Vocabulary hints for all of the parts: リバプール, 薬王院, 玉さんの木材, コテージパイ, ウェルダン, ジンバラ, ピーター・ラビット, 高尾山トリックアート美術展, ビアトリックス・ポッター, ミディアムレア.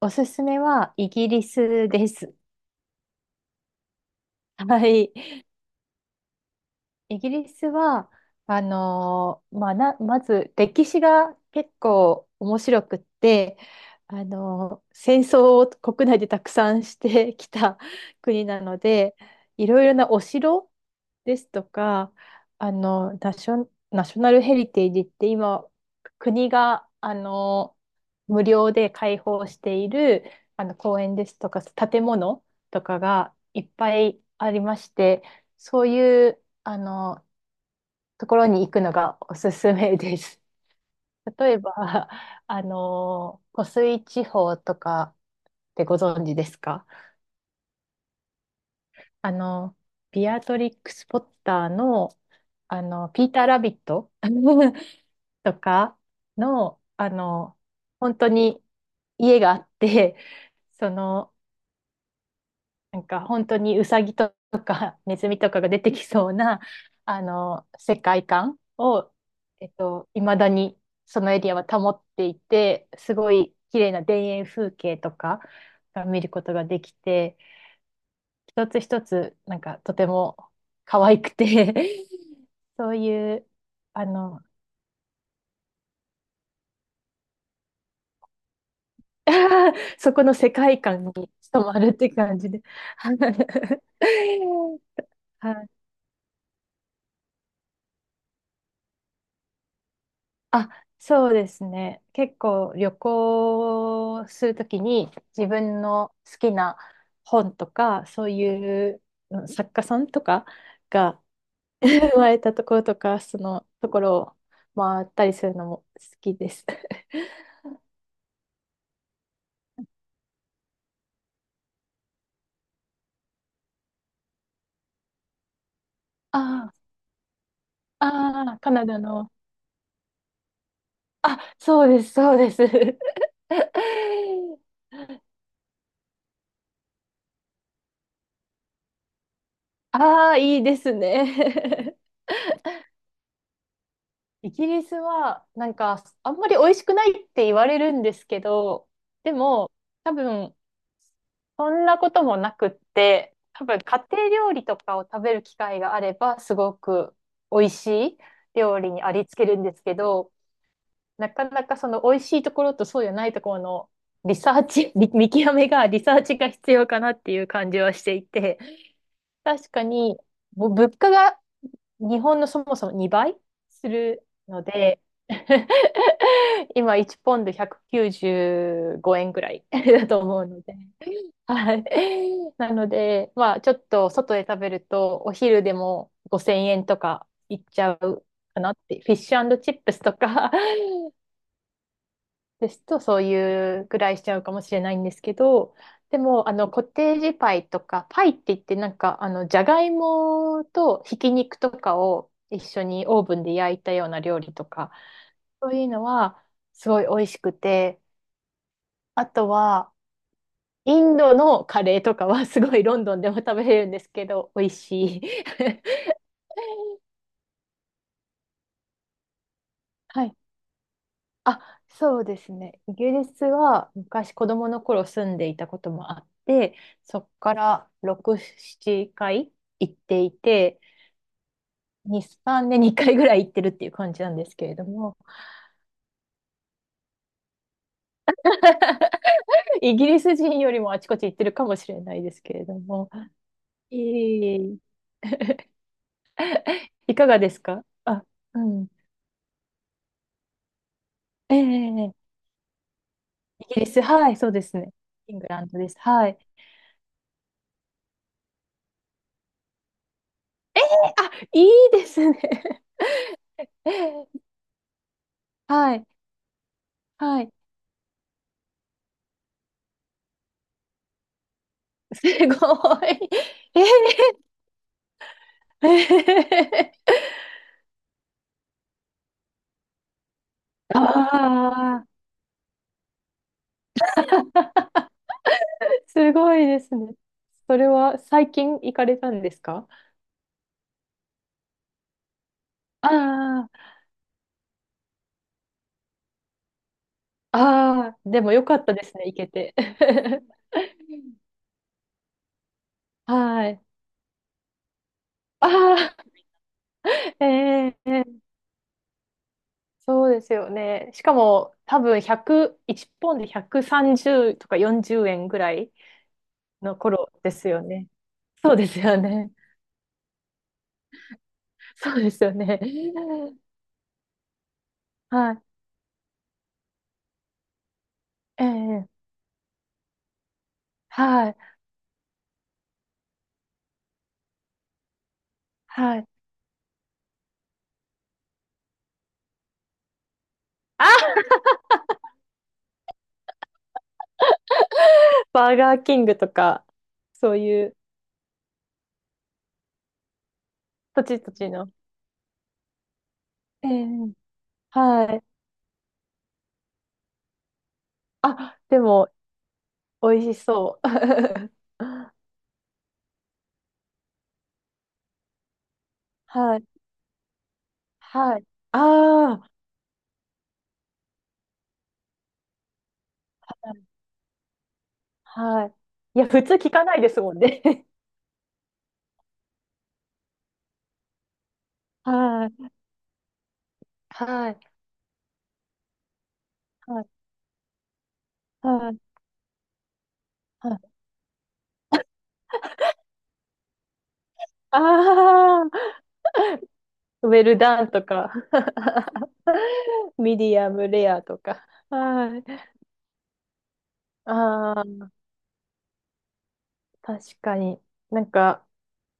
おすすめはイギリスです。はい。イギリスは、まあ、まず歴史が結構面白くって、戦争を国内でたくさんしてきた国なので、いろいろなお城ですとか、ナショナルヘリテージって今、国が、無料で開放している、公園ですとか、建物とかがいっぱいありまして、そういう、ところに行くのがおすすめです。例えば、湖水地方とかってご存知ですか？あの、ビアトリックス・ポッターの、ピーター・ラビット とかの、本当に家があって、その、なんか本当にウサギとかネズミとかが出てきそうな、世界観を、未だにそのエリアは保っていて、すごい綺麗な田園風景とかが見ることができて、一つ一つ、なんかとても可愛くて そういう、あの そこの世界観に染まるって感じで はい。あ、そうですね。結構旅行するときに自分の好きな本とか、そういう作家さんとかが生まれたところとか、そのところを回ったりするのも好きです。あああ、カナダの。あ、そうです、そうです。ああ、いいですね。イギリスは、なんか、あんまり美味しくないって言われるんですけど、でも、多分、そんなこともなくって、多分、家庭料理とかを食べる機会があれば、すごく美味しい料理にありつけるんですけど、なかなかその美味しいところとそうじゃないところのリサーチ、見極めが、リサーチが必要かなっていう感じはしていて、確かに、もう物価が日本のそもそも2倍するので、今1ポンド195円ぐらい だと思うので、はい。なので、まあちょっと外で食べるとお昼でも5000円とかいっちゃうかなって、フィッシュチップスとかですと、そういうぐらいしちゃうかもしれないんですけど、でも、コテージパイとか、パイって言って、なんか、じゃがいもとひき肉とかを一緒にオーブンで焼いたような料理とか、そういうのは、すごい美味しくて、あとは、インドのカレーとかは、すごいロンドンでも食べれるんですけど、美味しい。はい。あ、そうですね。イギリスは昔子供の頃住んでいたこともあって、そこから6、7回行っていて、2、3年に回ぐらい行ってるっていう感じなんですけれども、イギリス人よりもあちこち行ってるかもしれないですけれども、いえいえ いかがですか？あ、うん。ええ、イギリス、はい、そうですね。イングランドです。はい。あ、いいですね。はい、はい。すごい。えー、えー、ああ、すごいですね。それは最近行かれたんですか？ああ、ああ、でもよかったですね、行けて。はい。ああ、ええ、そうですよね。しかも、多分100、いちポンドで130とか40円ぐらいの頃ですよね。そうですよね。そうですよね。はい。ええ、はい。はい。あ、バーガーキングとか、そういう土地土地の。ええ、はい。あ、でも、美味しそう。はい。はい。ああ、はい。いや、普通聞かないですもんね。はい。はい。はい。はい。はい。ああ、ウェルダンとか、ミディアムレアとか。はい。ああ、確かに。なんか、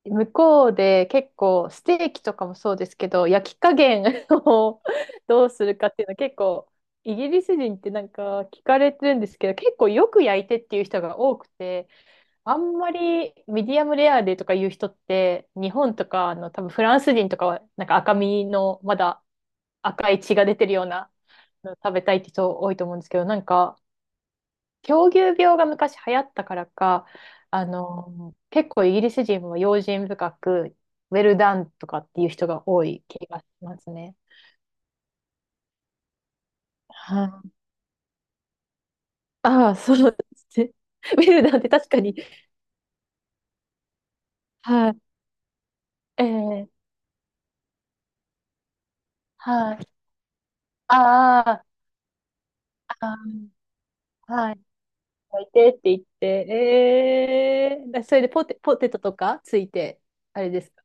向こうで結構ステーキとかもそうですけど焼き加減を どうするかっていうのは結構イギリス人ってなんか聞かれてるんですけど、結構よく焼いてっていう人が多くて、あんまりミディアムレアでとかいう人って日本とか多分フランス人とかはなんか赤身のまだ赤い血が出てるようなの食べたいって人多いと思うんですけど、なんか狂牛病が昔流行ったからか、結構イギリス人は用心深く、ウェルダンとかっていう人が多い気がしますね。はい。ああ、そうですね。ウェルダンって確かに。はい。ええ、はい。ああ、ああ、はい。いてって言って、ええだそれでポテトとかついて、あれですか？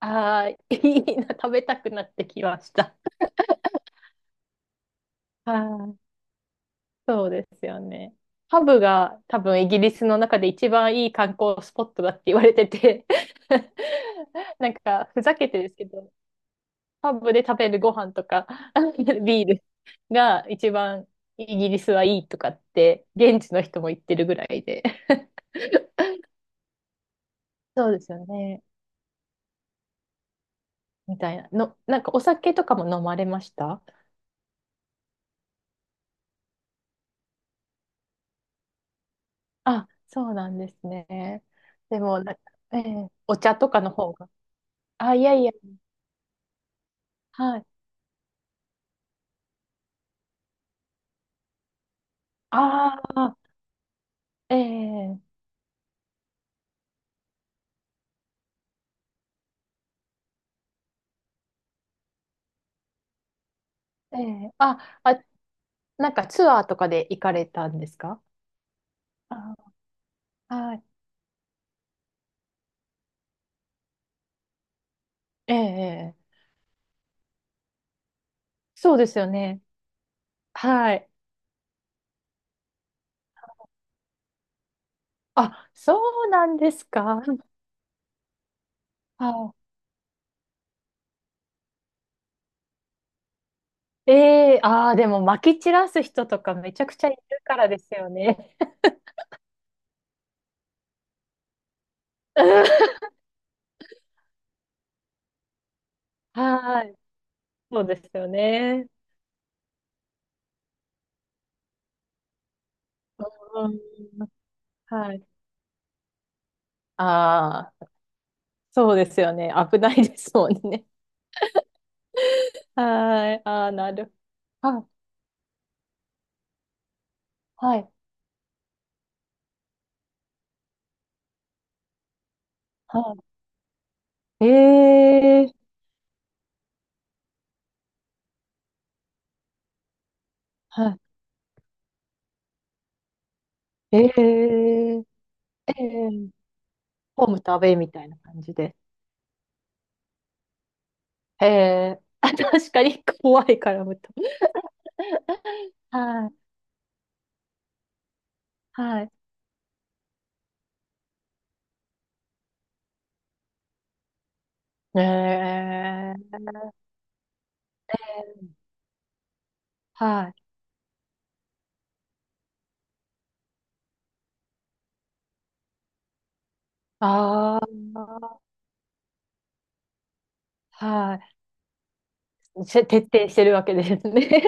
ああ、いいな、食べたくなってきました。はい。そうですよね。ハブが多分イギリスの中で一番いい観光スポットだって言われてて なんかふざけてですけど、ハブで食べるご飯とか ビールが一番イギリスはいいとかって現地の人も言ってるぐらいで。そうですよね。みたいな。の、なんかお酒とかも飲まれました？あ、そうなんですね。でも、な、ええ、お茶とかの方が。あ、いやいや。はい。ああ、ええ、ええ、あ、あ、なんかツアーとかで行かれたんですか？あ、はい。ええ、ええ、そうですよね。はい。あ、そうなんですか。はい。ええ、ああ、でも、まき散らす人とかめちゃくちゃいるからですよね。うん、はい。そうですよね。うん。はい。ああ、そうですよね。危ないですもんね。はい。ああ、なる。はい。はい。はい。ええ、はい。ええ、ええ、ホームとアウェイみたいな感じで。ええ、あ、確かに怖いから、無糖。はい、はい。ええ、はい。ああ、はい。徹底してるわけですね。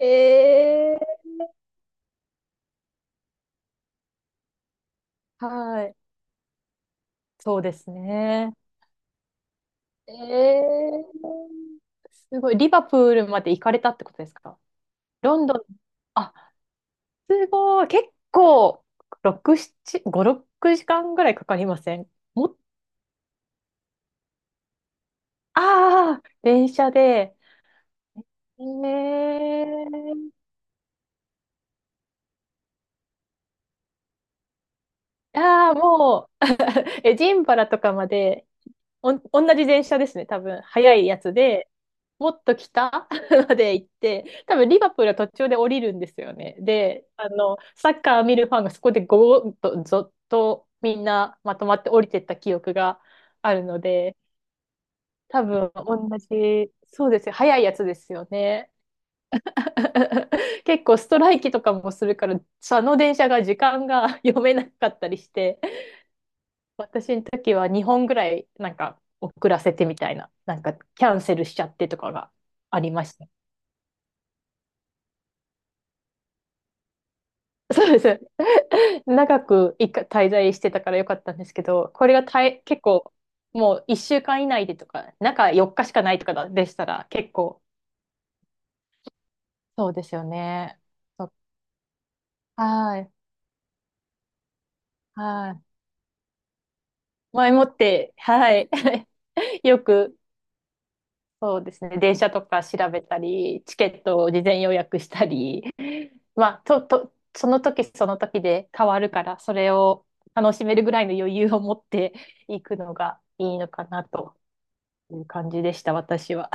ええ、はい。そうですね。ええ、すごい。リバプールまで行かれたってことですか？ロンドン。あ、すごい。結構、6、7、5、6時間ぐらいかかりません？もっああ、電車で。ええ、ああ、もう、え、ジンバラとかまで、同じ電車ですね、多分。早いやつで、もっと北 まで行って、多分リバプールは途中で降りるんですよね。で、サッカー見るファンがそこでゴーッと、ぞっとみんなまとまって降りてった記憶があるので、多分同じ、そうですよ、早いやつですよね。結構ストライキとかもするから、その電車が時間が 読めなかったりして、私の時は2本ぐらいなんか遅らせてみたいな、なんかキャンセルしちゃってとかがありました。そうです。長く一回滞在してたからよかったんですけど、これがたい結構もう1週間以内でとか、中4日しかないとかだでしたら結構そうですよね。そう、はい、はい。前もって、はい。よく、そうですね。電車とか調べたり、チケットを事前予約したり、まあ、と、その時その時で変わるから、それを楽しめるぐらいの余裕を持っていくのがいいのかなという感じでした、私は。